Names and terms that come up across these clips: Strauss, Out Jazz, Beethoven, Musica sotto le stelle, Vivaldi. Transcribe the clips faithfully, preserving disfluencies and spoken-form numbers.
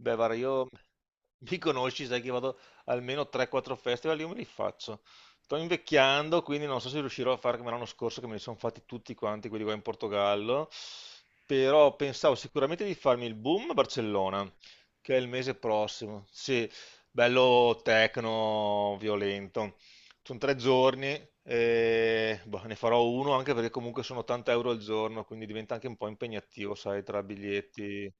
Beh, guarda, io mi conosci, sai che vado almeno tre quattro festival, io me li faccio. Sto invecchiando, quindi non so se riuscirò a fare come l'anno scorso, che me li sono fatti tutti quanti, quelli qua in Portogallo. Però pensavo sicuramente di farmi il boom a Barcellona, che è il mese prossimo. Sì, bello tecno, violento. Sono tre giorni, e, boh, ne farò uno anche perché comunque sono ottanta euro al giorno, quindi diventa anche un po' impegnativo, sai, tra biglietti.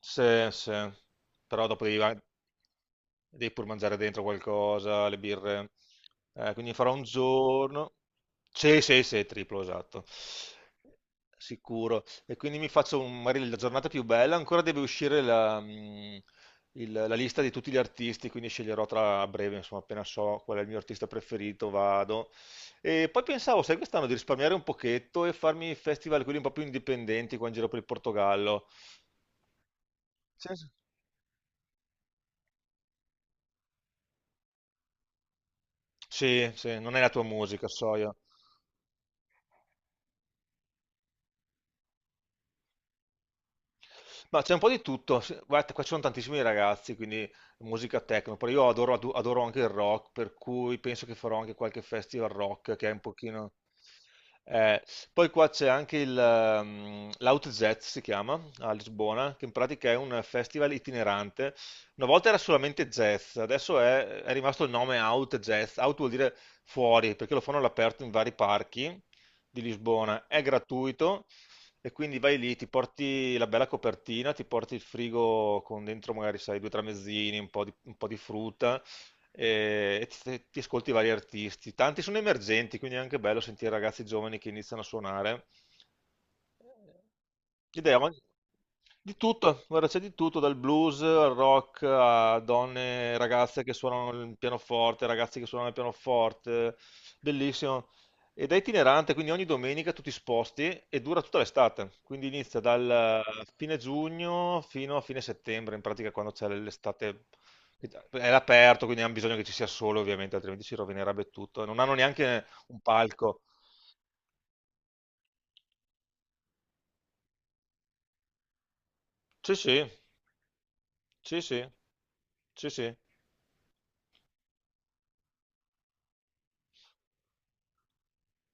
Sì, sì, però dopo devi, va- devi pur mangiare dentro qualcosa, le birre. Eh, quindi farò un giorno. Sì, sì, sì, triplo, esatto. Sicuro. E quindi mi faccio un- magari la giornata più bella. Ancora deve uscire la, mm, il- la lista di tutti gli artisti, quindi sceglierò tra a breve, insomma, appena so qual è il mio artista preferito, vado. E poi pensavo, sai, quest'anno di risparmiare un pochetto e farmi festival quelli un po' più indipendenti qua in giro per il Portogallo. Sì, sì, non è la tua musica, soia. Ma c'è un po' di tutto. Sì, guarda, qua ci sono tantissimi ragazzi, quindi musica techno. Però io adoro, adu- adoro anche il rock, per cui penso che farò anche qualche festival rock che è un pochino. Eh. Poi qua c'è anche il ehm, l'OutZ si chiama a Lisbona, che in pratica è un festival itinerante. Una volta era solamente jazz, adesso è, è rimasto il nome Out Jazz. Out vuol dire fuori, perché lo fanno all'aperto in vari parchi di Lisbona. È gratuito. E quindi vai lì, ti porti la bella copertina, ti porti il frigo con dentro magari, sai, due tramezzini, un po' di, un po' di frutta e, e ti, ti ascolti vari artisti. Tanti sono emergenti, quindi è anche bello sentire ragazzi giovani che iniziano a suonare. L'idea ma- di tutto, guarda, c'è di tutto, dal blues al rock a donne, ragazze che suonano il pianoforte, ragazzi che suonano il pianoforte, bellissimo. Ed è itinerante, quindi ogni domenica tu ti sposti e dura tutta l'estate, quindi inizia dal eh, fine giugno fino a fine settembre, in pratica quando c'è l'estate è all'aperto, quindi hanno bisogno che ci sia sole ovviamente, altrimenti si rovinerebbe tutto. Non hanno neanche un palco. Sì, sì, sì, sì, sì, sì.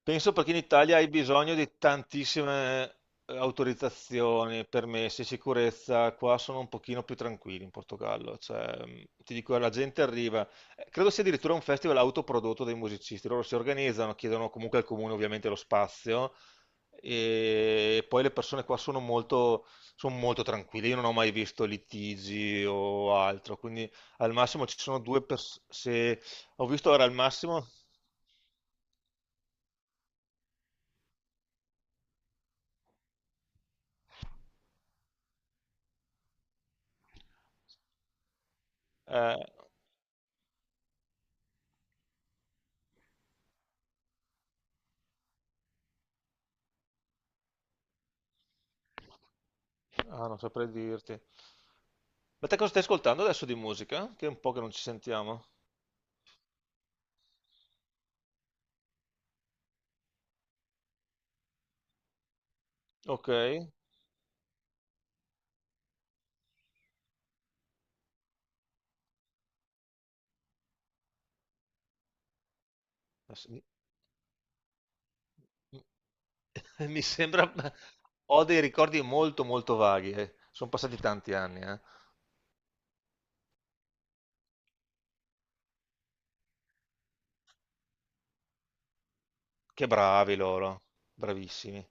Penso perché in Italia hai bisogno di tantissime eh, autorizzazioni, permessi, sicurezza. Qua sono un pochino più tranquilli in Portogallo. Cioè, mh, ti dico, la gente arriva. Eh, credo sia addirittura un festival autoprodotto dei musicisti. Loro si organizzano, chiedono comunque al comune ovviamente lo spazio e poi le persone qua sono molto, sono molto tranquille. Io non ho mai visto litigi o altro, quindi al massimo ci sono due persone. Se ho visto ora al massimo. Eh, ah, non saprei dirti. Ma te cosa stai ascoltando adesso di musica? Che è un po' che non ci sentiamo. Ok. Adesso mi mi sembra... Ho dei ricordi molto molto vaghi. Eh. Sono passati tanti anni, eh. Che bravi loro. Bravissimi.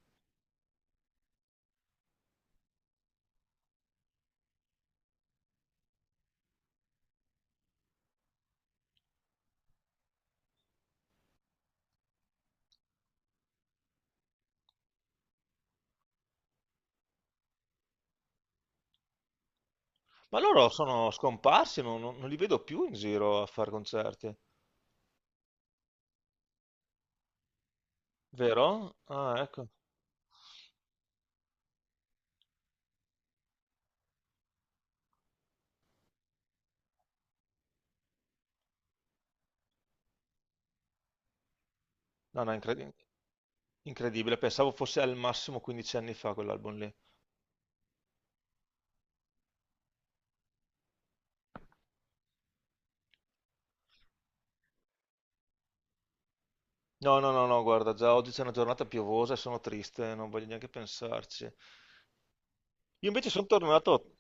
Ma loro sono scomparsi, non, non- non li vedo più in giro a fare concerti. Vero? Ah, ecco. No, no, incredi- incredibile. Pensavo fosse al massimo quindici anni fa quell'album lì. No, no, no, no, guarda, già oggi c'è una giornata piovosa e sono triste, non voglio neanche pensarci. Io invece sono tornato,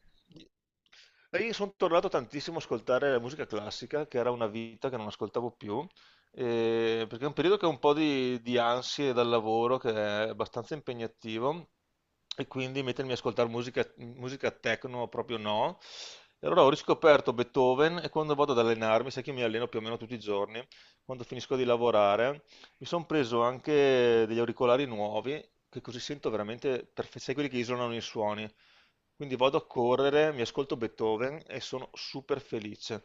eh, io sono tornato tantissimo a ascoltare la musica classica, che era una vita che non ascoltavo più, eh, perché è un periodo che ho un po' di, di ansie dal lavoro, che è abbastanza impegnativo, e quindi mettermi a ascoltare musica, musica techno proprio no. E allora ho riscoperto Beethoven e quando vado ad allenarmi, sai che io mi alleno più o meno tutti i giorni, quando finisco di lavorare mi sono preso anche degli auricolari nuovi, che così sento veramente perfetti, sai quelli che isolano i suoni. Quindi vado a correre, mi ascolto Beethoven e sono super felice.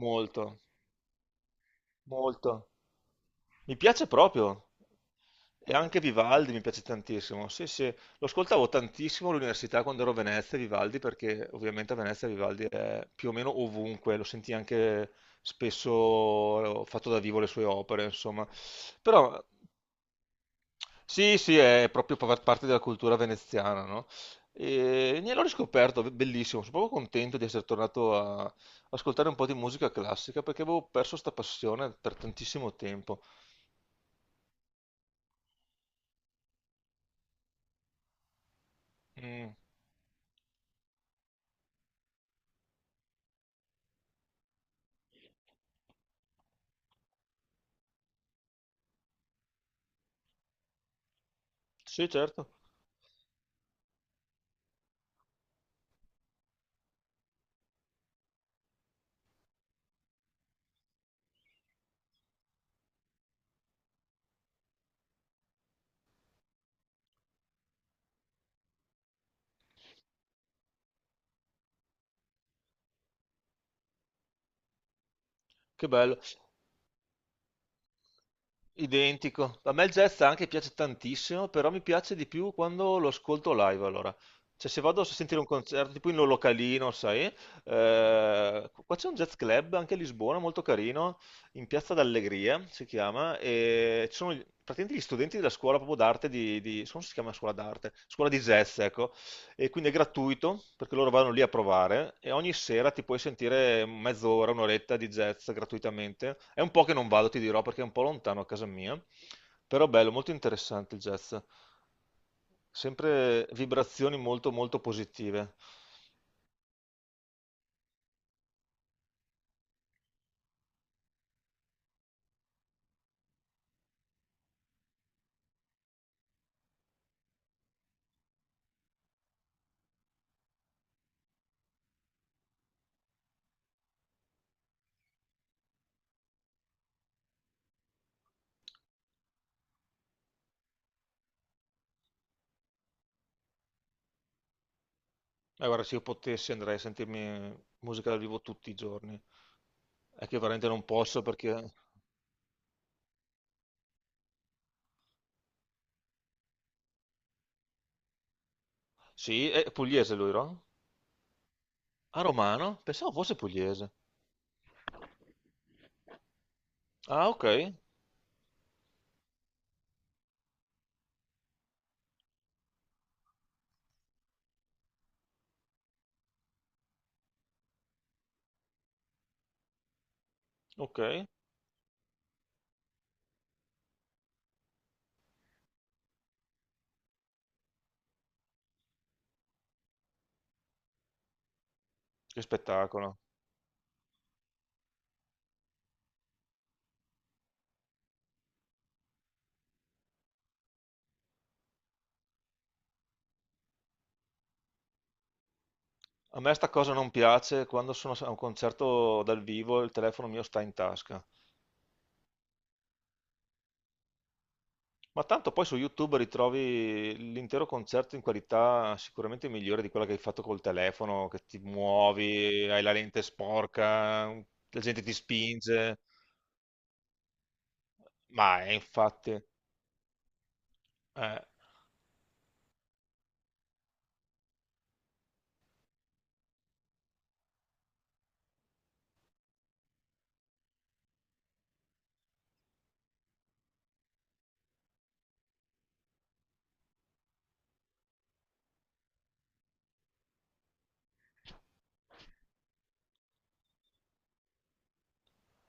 Molto, molto. Mi piace proprio. E anche Vivaldi mi piace tantissimo. Sì, sì, lo ascoltavo tantissimo all'università quando ero a Venezia, Vivaldi, perché ovviamente a Venezia Vivaldi è più o meno ovunque, lo senti anche spesso eh, fatto da vivo le sue opere, insomma. Però sì, sì, è proprio pa- parte della cultura veneziana, no? E ne l'ho riscoperto, be- bellissimo, sono proprio contento di essere tornato a ascoltare un po' di musica classica perché avevo perso sta passione per tantissimo tempo. Mm, sì, certo, che bello. Identico. A me il jazz anche piace tantissimo, però mi piace di più quando lo ascolto live, allora. Cioè, se vado a sentire un concerto, tipo in un localino, sai? Eh, qua c'è un jazz club anche a Lisbona, molto carino, in Piazza d'Allegria si chiama, e ci sono gli- praticamente gli studenti della scuola proprio d'arte di, di- non so se si chiama scuola d'arte, scuola di jazz, ecco, e quindi è gratuito perché loro vanno lì a provare e ogni sera ti puoi sentire mezz'ora, un'oretta di jazz gratuitamente. È un po' che non vado, ti dirò, perché è un po' lontano a casa mia, però bello, molto interessante il jazz. Sempre vibrazioni molto molto positive. E guarda, se io potessi andrei a sentirmi musica dal vivo tutti i giorni. È che veramente non posso perché... Sì, è pugliese lui, no? Ah, romano? Pensavo fosse pugliese. Ah, ok, ok. Che spettacolo. A me sta cosa non piace, quando sono a un concerto dal vivo il telefono mio sta in tasca. Ma tanto poi su YouTube ritrovi l'intero concerto in qualità sicuramente migliore di quella che hai fatto col telefono, che ti muovi, hai la lente sporca, la gente ti spinge. Ma eh, infatti... eh.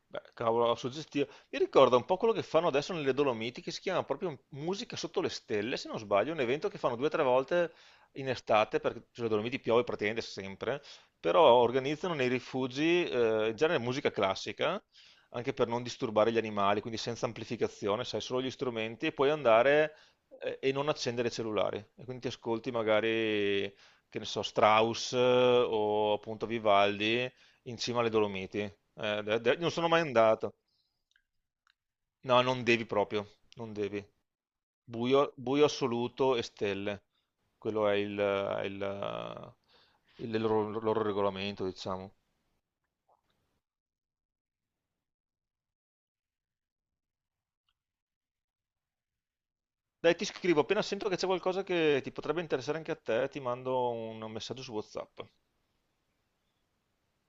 Beh, cavolo, suggestivo. Mi ricorda un po' quello che fanno adesso nelle Dolomiti, che si chiama proprio Musica sotto le stelle, se non sbaglio, un evento che fanno due o tre volte in estate, perché sulle Dolomiti piove praticamente sempre, però organizzano nei rifugi, eh, in genere musica classica, anche per non disturbare gli animali, quindi senza amplificazione, sai, solo gli strumenti, e puoi andare, eh, e non accendere i cellulari. E quindi ti ascolti magari, che ne so, Strauss eh, o appunto Vivaldi in cima alle Dolomiti. Eh, de- de- non sono mai andato. No, non devi proprio, non devi. Buio, buio assoluto e stelle. Quello è il, è il- il loro, loro regolamento, diciamo. Dai, ti scrivo, appena sento che c'è qualcosa che ti potrebbe interessare anche a te, ti mando un messaggio su WhatsApp.